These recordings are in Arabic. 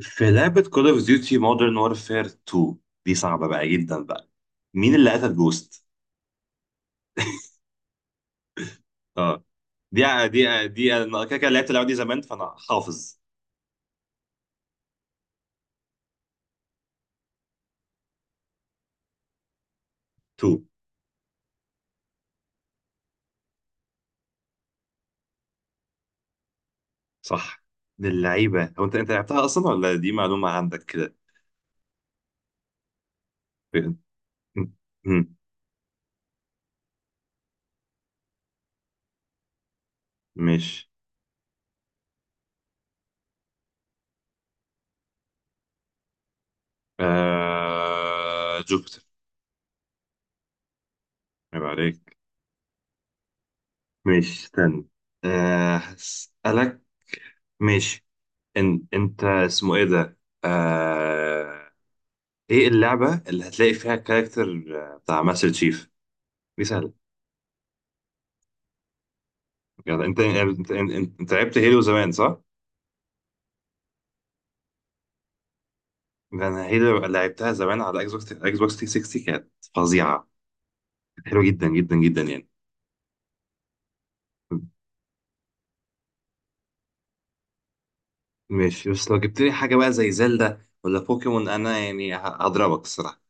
في لعبة كول اوف ديوتي مودرن وورفير 2 دي صعبة بقى جدا بقى. مين اللي قتل جوست؟ اه، دي انا كده كده لعبت اللعبة دي زمان فانا حافظ. 2 صح. من اللعيبة، هو انت لعبتها اصلا ولا دي معلومة عندك كده؟ م- م- ماشي. جوبيتر. عيب عليك. ماشي، استنى. هسألك. ماشي. انت اسمه ايه ده؟ آه... ايه اللعبة اللي هتلاقي فيها الكاركتر بتاع ماستر تشيف؟ دي سهلة. يعني انت لعبت هيلو زمان صح؟ ده انا هيلو لعبتها زمان على اكس بوكس 360، كانت فظيعة. كانت حلوة جدا جدا جدا يعني. ماشي، بس لو جبت لي حاجة بقى زي زلدا ولا بوكيمون انا يعني هضربك الصراحة.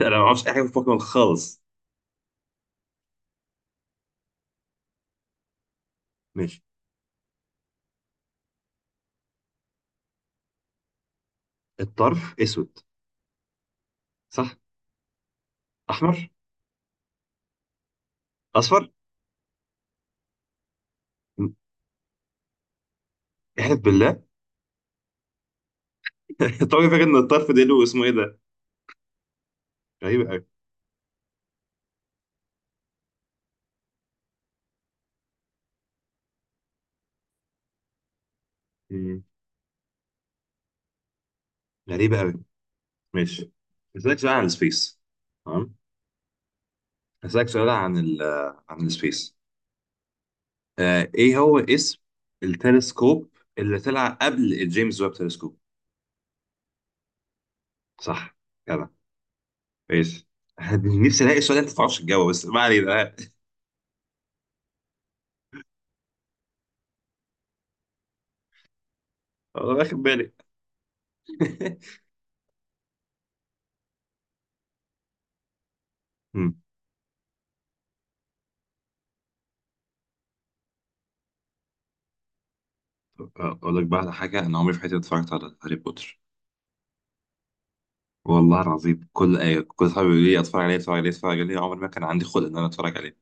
لا، انا ما اعرفش اي حاجة في بوكيمون خالص. ماشي. الطرف اسود. صح؟ احمر؟ اصفر؟ م- احلف بالله. طبعا فاكر ان الطرف ده له، اسمه ايه ده؟ غريبة قوي. غريبة قوي. ماشي، هسألك سؤال عن السبيس. تمام. هسألك سؤال عن السبيس. آه، ايه هو اسم التلسكوب اللي طلع قبل الجيمس ويب تلسكوب؟ صح. كده. ماشي. نفسي الاقي السؤال ده انت ما تعرفش تجاوبه بس ما علينا. آه، انا واخد بالي. مم. اقول لك بقى على حاجه، انا عمري في حياتي ما اتفرجت على هاري بوتر. والله العظيم، كل آية كل صحابي بيقولوا لي اتفرج عليه اتفرج عليه اتفرج عليه، عمري ما كان عندي خلق ان انا اتفرج عليه.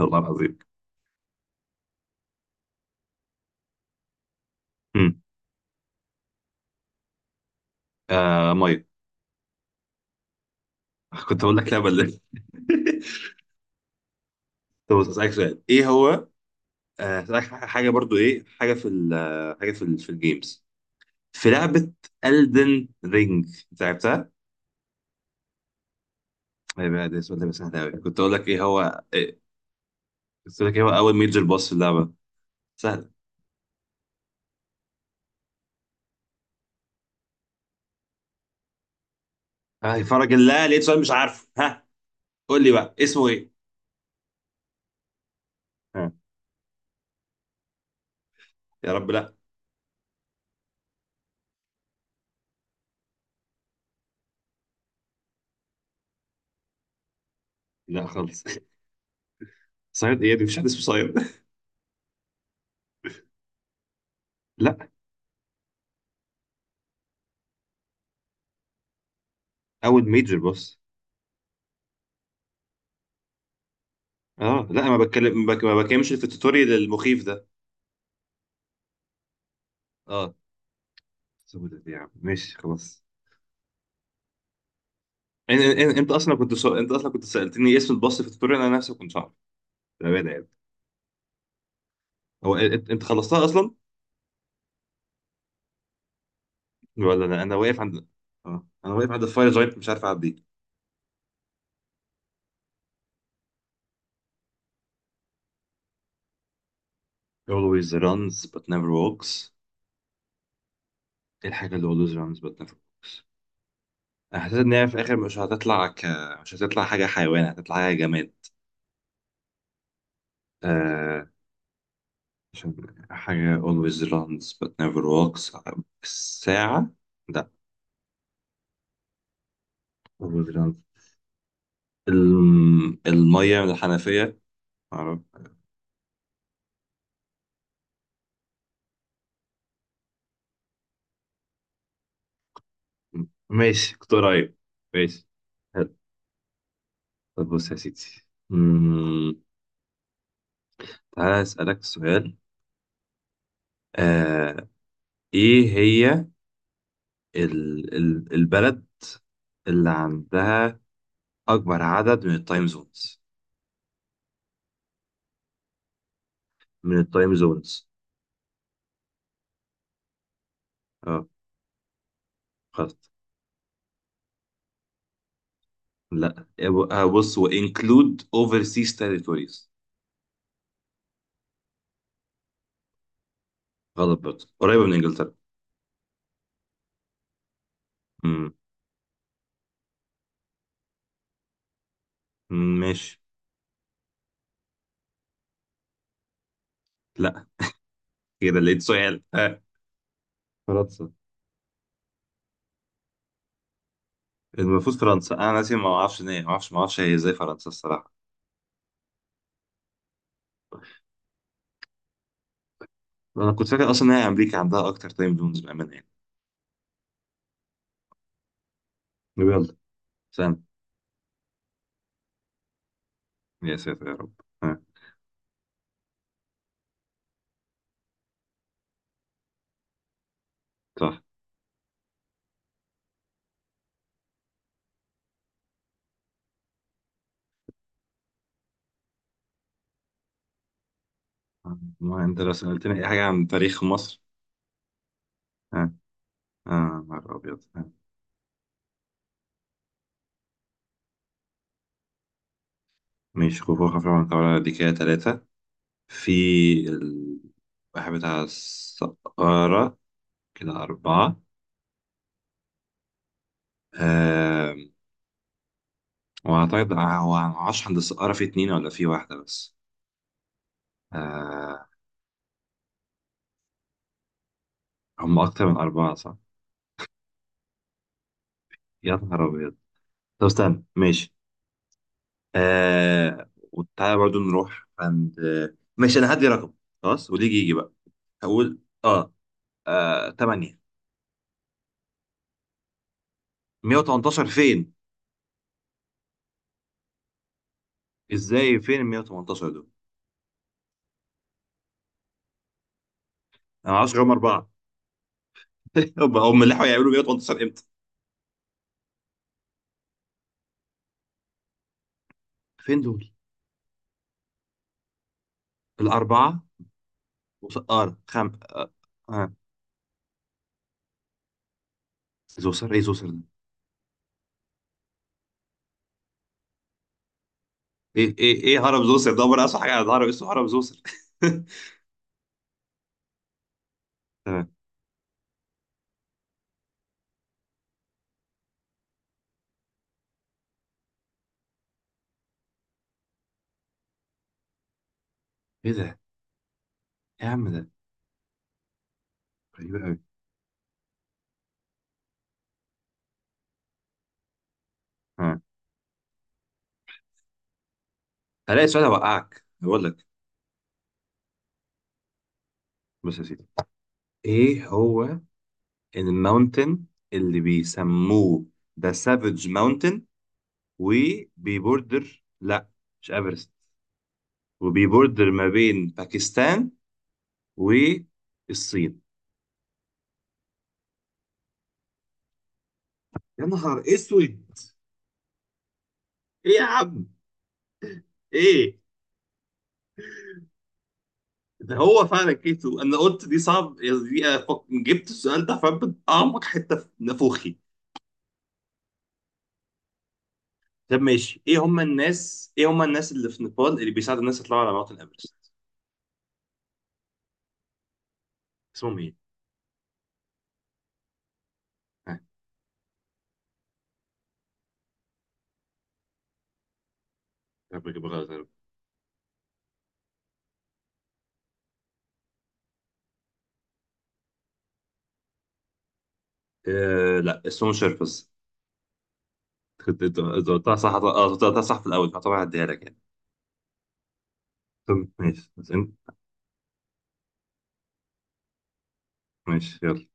والله العظيم. مم. آه، ميه. كنت اقول لك لبن. طب بص، هسألك سؤال ايه هو. آه، هسألك حاجة برضو، ايه حاجة في ال حاجة في الجيمز، في لعبة Elden Ring، انت لعبتها؟ ايه بقى، ده السؤال ده بقى سهل قوي. كنت اقول لك ايه هو إيه؟ كنت اقول لك ايه هو اول ميجر بوس في اللعبة، سهل. اه، فرج الله، لقيت سؤال مش عارفه، ها. قول لي بقى اسمه ايه؟ ها. يا رب لا. لا خالص. صياد ايه؟ دي مفيش حد اسمه صياد. لا. اول ميجر بوس. اه لا، ما بتكلم ما بك- ما بكلمش في التوتوريال المخيف ده. اه، سودة دي يا عم، ماشي خلاص. إن- انت اصلا انت اصلا كنت سالتني إيه اسم الباص في التوتوريال، انا نفسي كنت عارف، بامانه يعني. هو انت خلصتها اصلا ولا لا؟ انا واقف عند، اه انا واقف عند الفاير جاينت، مش عارف اعدي. always runs but never walks. ايه الحاجه اللي always runs but never walks؟ انا حسيت ان هي في الاخر مش هتطلع حاجه حيوان، هتطلع حاجه جماد. آه... عشان حاجه always runs but never walks. الساعه. لا. always runs. الميه من الحنفيه. معرفش. ماشي، كنت قريب. ماشي. حلو. طب بص يا سيدي، مم، تعالى أسألك سؤال. آه، إيه هي البلد اللي عندها أكبر عدد من التايم زونز؟ من التايم زونز. اه. غلط. لا. آه، بص، وانكلود overseas territories. غلط برضه، قريبة من إنجلترا. مم. مم، ماشي. لا. كده لقيت سؤال. آه. فرنسا. المفروض فرنسا. انا ناسي، ما اعرفش إن ما اعرفش، ما اعرفش هي ازاي فرنسا الصراحه. انا كنت فاكر اصلا ان هي امريكا عندها اكتر تايم زونز بامانه يعني. يلا. سنة. يا ساتر يا رب. ها. صح. ما انت لو سالتني اي حاجه عن تاريخ مصر. ها. اه، نهار ابيض. ها. ماشي، خفوخ خفرع، من دي كده ثلاثه. في ال- واحد بتاع السقارة، كده أربعة. آم، وأعتقد هو معرفش عند السقارة في اتنين ولا في واحدة بس. آه، هم أكتر من أربعة صح؟ يا نهار أبيض. طب استنى، ماشي. آه، وتعالى برضو نروح عند، آه، ماشي انا هدي رقم. خلاص واللي يجي يجي بقى. هقول، اه، آه، 8. 118 فين؟ ازاي؟ فين ال 118 دول؟ انا ما اعرفش هم اربعه. هم اللي حاولوا يعملوا 118 امتى؟ فين دول الاربعه؟ وسقاره خم آه. آه. إيه زوسر؟ ايه زوسر ده؟ ايه ايه ايه، هرم زوسر ده؟ انا اسمع حاجه عن هرم اسمه هرم زوسر. تمام. ايه ده؟ إيه يا عم ده؟ غريب قوي. هلاقي سؤال هوقعك، بقول لك. بص يا سيدي، ايه هو الماونتن اللي بيسموه ذا سافج ماونتن، وبيبوردر، لا مش ايفرست، وبيبوردر ما بين باكستان والصين. يا نهار اسود. ايه يا عم. ايه. ده هو فعلا كيتو. انا قلت دي صعب، جبت السؤال ده فبت اعمق حته في نافوخي. طب ماشي، ايه هم الناس اللي في نيبال اللي بيساعدوا الناس يطلعوا على موuntain ايفرست؟ اسمهم ايه؟ ها. يا رب اجيبها غلط يا رب. آه لا، اسمهم شيربز. كنت، انت قلتها صح، اه أنت قلتها صح في الاول فطبعا هديها لك يعني. طب ماشي بس انت، ماشي يلا.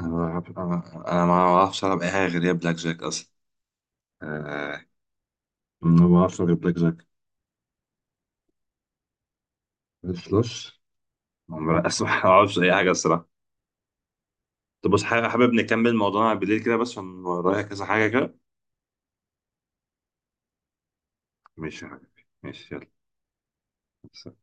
انا ما بعرفش العب اي حاجه غير هي بلاك جاك اصلا. آه. ما بعرفش غير بلاك جاك. الفلاش. ما بعرفش، ما بعرفش اي حاجه الصراحه. طب بص، حابب نكمل موضوعنا بالليل كده، بس عشان ورايا كذا حاجه كده. ماشي يا حبيبي ماشي. يلا.